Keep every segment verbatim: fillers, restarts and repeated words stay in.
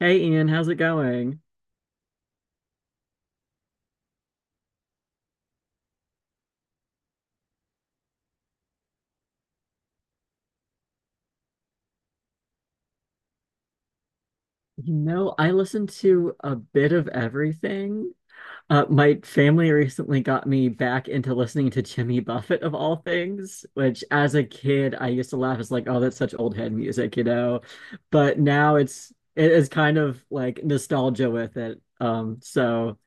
Hey Ian, how's it going? You know, I listen to a bit of everything. Uh, my family recently got me back into listening to Jimmy Buffett of all things, which as a kid I used to laugh. It's like, oh, that's such old head music, you know. But now it's it is kind of like nostalgia with it. Um, so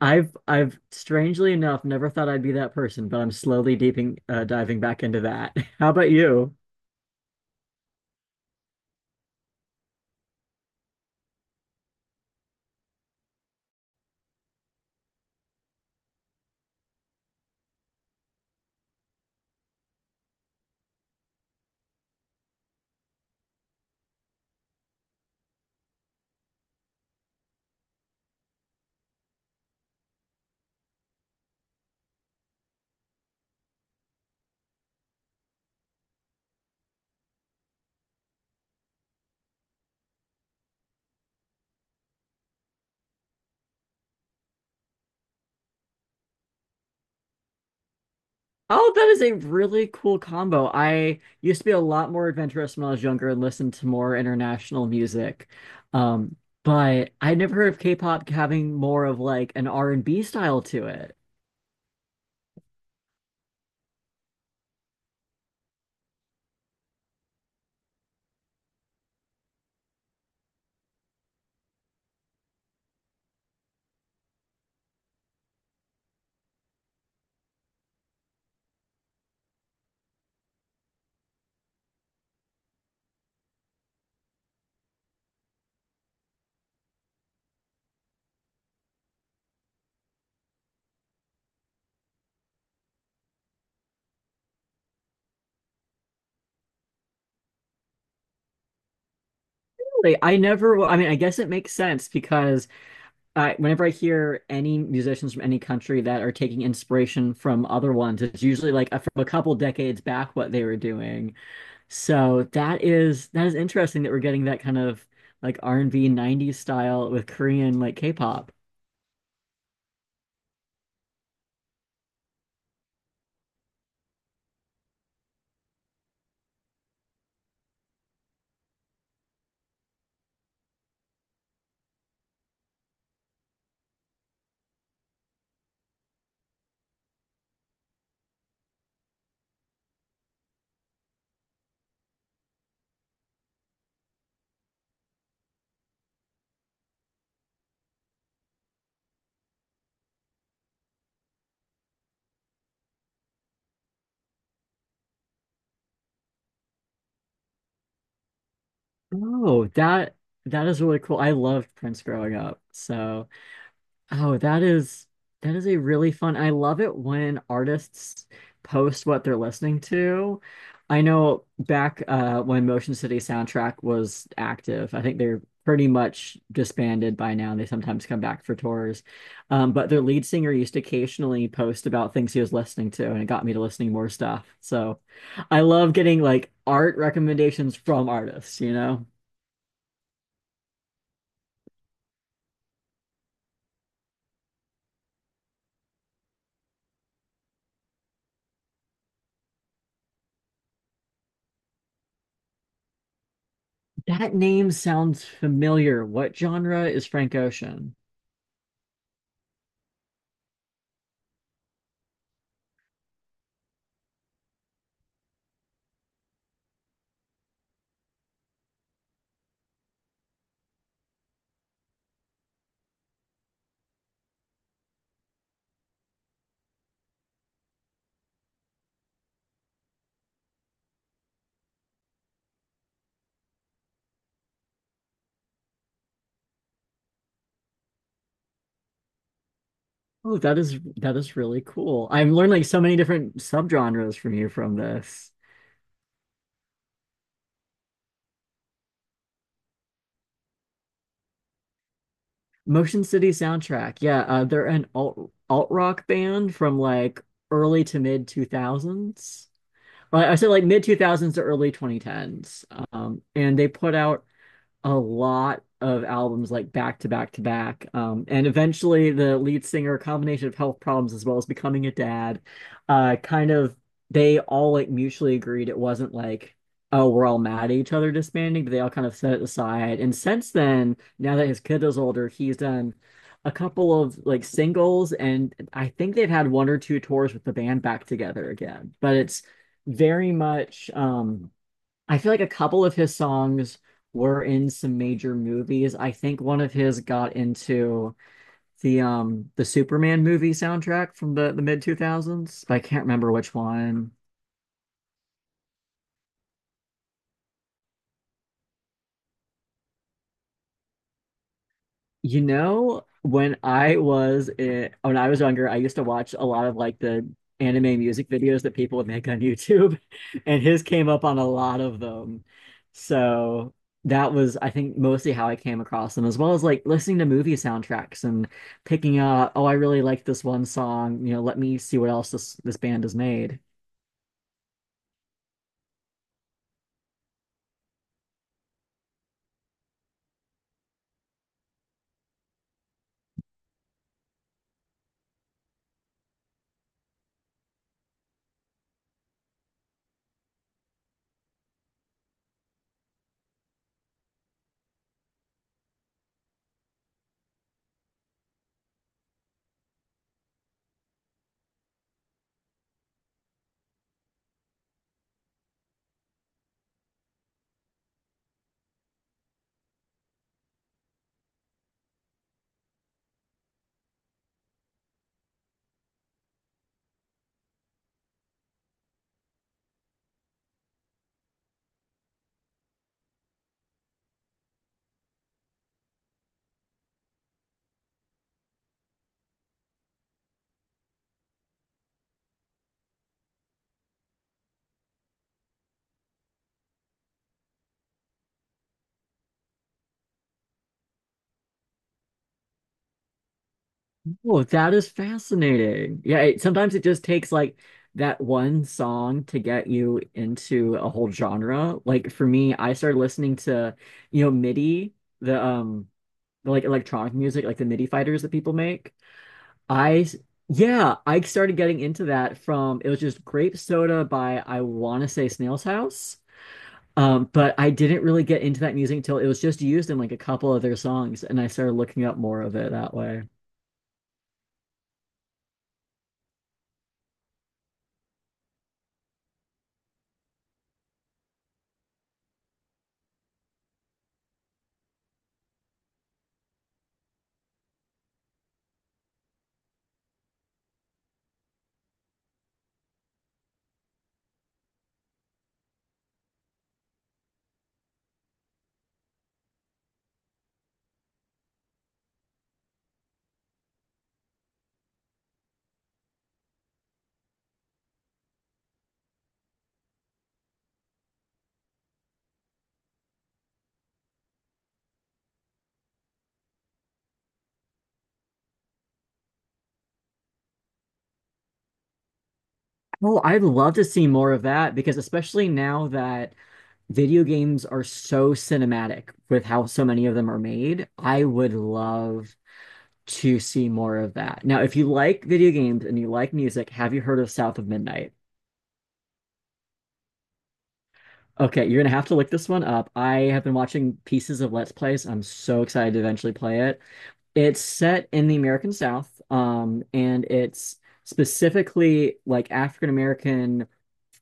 I've I've strangely enough never thought I'd be that person, but I'm slowly deeping uh, diving back into that. How about you? Oh, that is a really cool combo. I used to be a lot more adventurous when I was younger and listened to more international music. Um, but I never heard of K-pop having more of like an R and B style to it. Really, I never, I mean, I guess it makes sense because I, whenever I hear any musicians from any country that are taking inspiration from other ones, it's usually like a, from a couple decades back what they were doing. So that is that is interesting that we're getting that kind of like R and B nineties style with Korean like K-pop. Oh, that that is really cool. I loved Prince growing up. So oh, that is that is a really fun. I love it when artists post what they're listening to. I know back uh, when Motion City Soundtrack was active, I think they're pretty much disbanded by now. They sometimes come back for tours, um, but their lead singer used to occasionally post about things he was listening to, and it got me to listening more stuff. So I love getting like art recommendations from artists, you know? That name sounds familiar. What genre is Frank Ocean? Oh, that is that is really cool. I'm learning like so many different subgenres from you from this. Motion City Soundtrack. Yeah, uh, they're an alt alt rock band from like early to mid two thousands. Well, I said like mid two thousands to early twenty tens. Um, and they put out a lot of albums like back to back to back. Um, and eventually, the lead singer, a combination of health problems as well as becoming a dad, uh, kind of they all like mutually agreed it wasn't like, oh, we're all mad at each other disbanding, but they all kind of set it aside. And since then, now that his kid is older, he's done a couple of like singles, and I think they've had one or two tours with the band back together again. But it's very much um I feel like a couple of his songs were in some major movies. I think one of his got into the um the Superman movie soundtrack from the the mid two thousands, but I can't remember which one. You know, when I was uh when I was younger, I used to watch a lot of like the anime music videos that people would make on YouTube, and his came up on a lot of them. So that was, I think, mostly how I came across them, as well as like listening to movie soundtracks and picking out, oh, I really like this one song. You know, let me see what else this this band has made. Oh, that is fascinating. Yeah, it, sometimes it just takes like that one song to get you into a whole genre. Like for me, I started listening to, you know, MIDI, the um the like electronic music, like the MIDI fighters that people make. I s- yeah, I started getting into that from it was just Grape Soda by I want to say Snail's House. Um, but I didn't really get into that music until it was just used in like a couple of their songs, and I started looking up more of it that way. Oh, I'd love to see more of that because especially now that video games are so cinematic with how so many of them are made, I would love to see more of that. Now, if you like video games and you like music, have you heard of South of Midnight? Okay, you're gonna have to look this one up. I have been watching pieces of Let's Plays. I'm so excited to eventually play it. It's set in the American South, um, and it's specifically like African American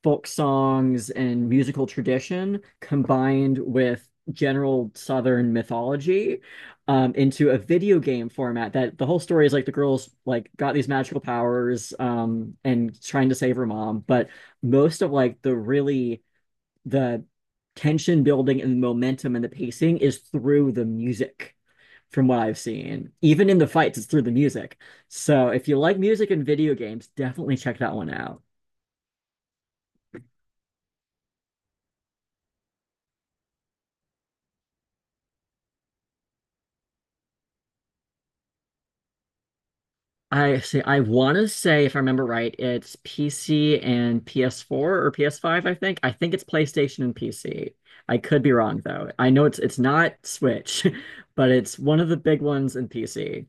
folk songs and musical tradition combined with general Southern mythology um, into a video game format. That the whole story is like the girls like got these magical powers um, and trying to save her mom, but most of like the really the tension building and the momentum and the pacing is through the music from what I've seen. Even in the fights, it's through the music. So if you like music and video games, definitely check that one out. I say I want to say if I remember right, it's P C and P S four or P S five, I think. I think it's PlayStation and P C. I could be wrong though. I know it's it's not Switch, but it's one of the big ones in P C.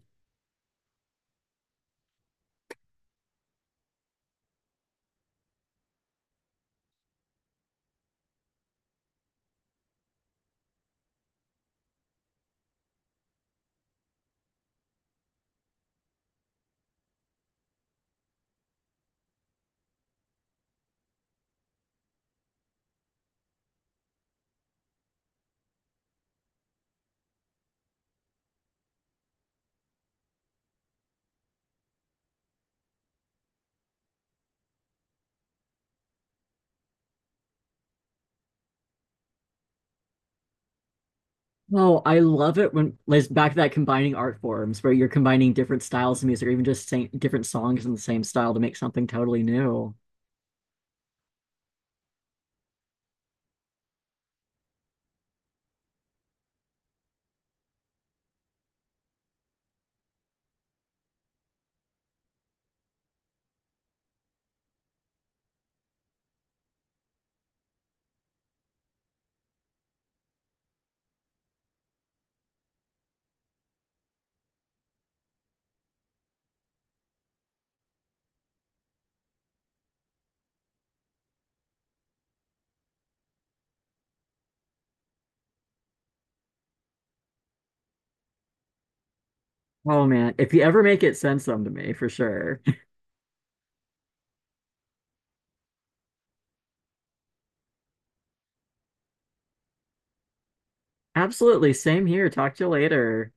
Oh, I love it when like back to that combining art forms where you're combining different styles of music or even just same, different songs in the same style to make something totally new. Oh man, if you ever make it, send some to me for sure. Absolutely, same here. Talk to you later.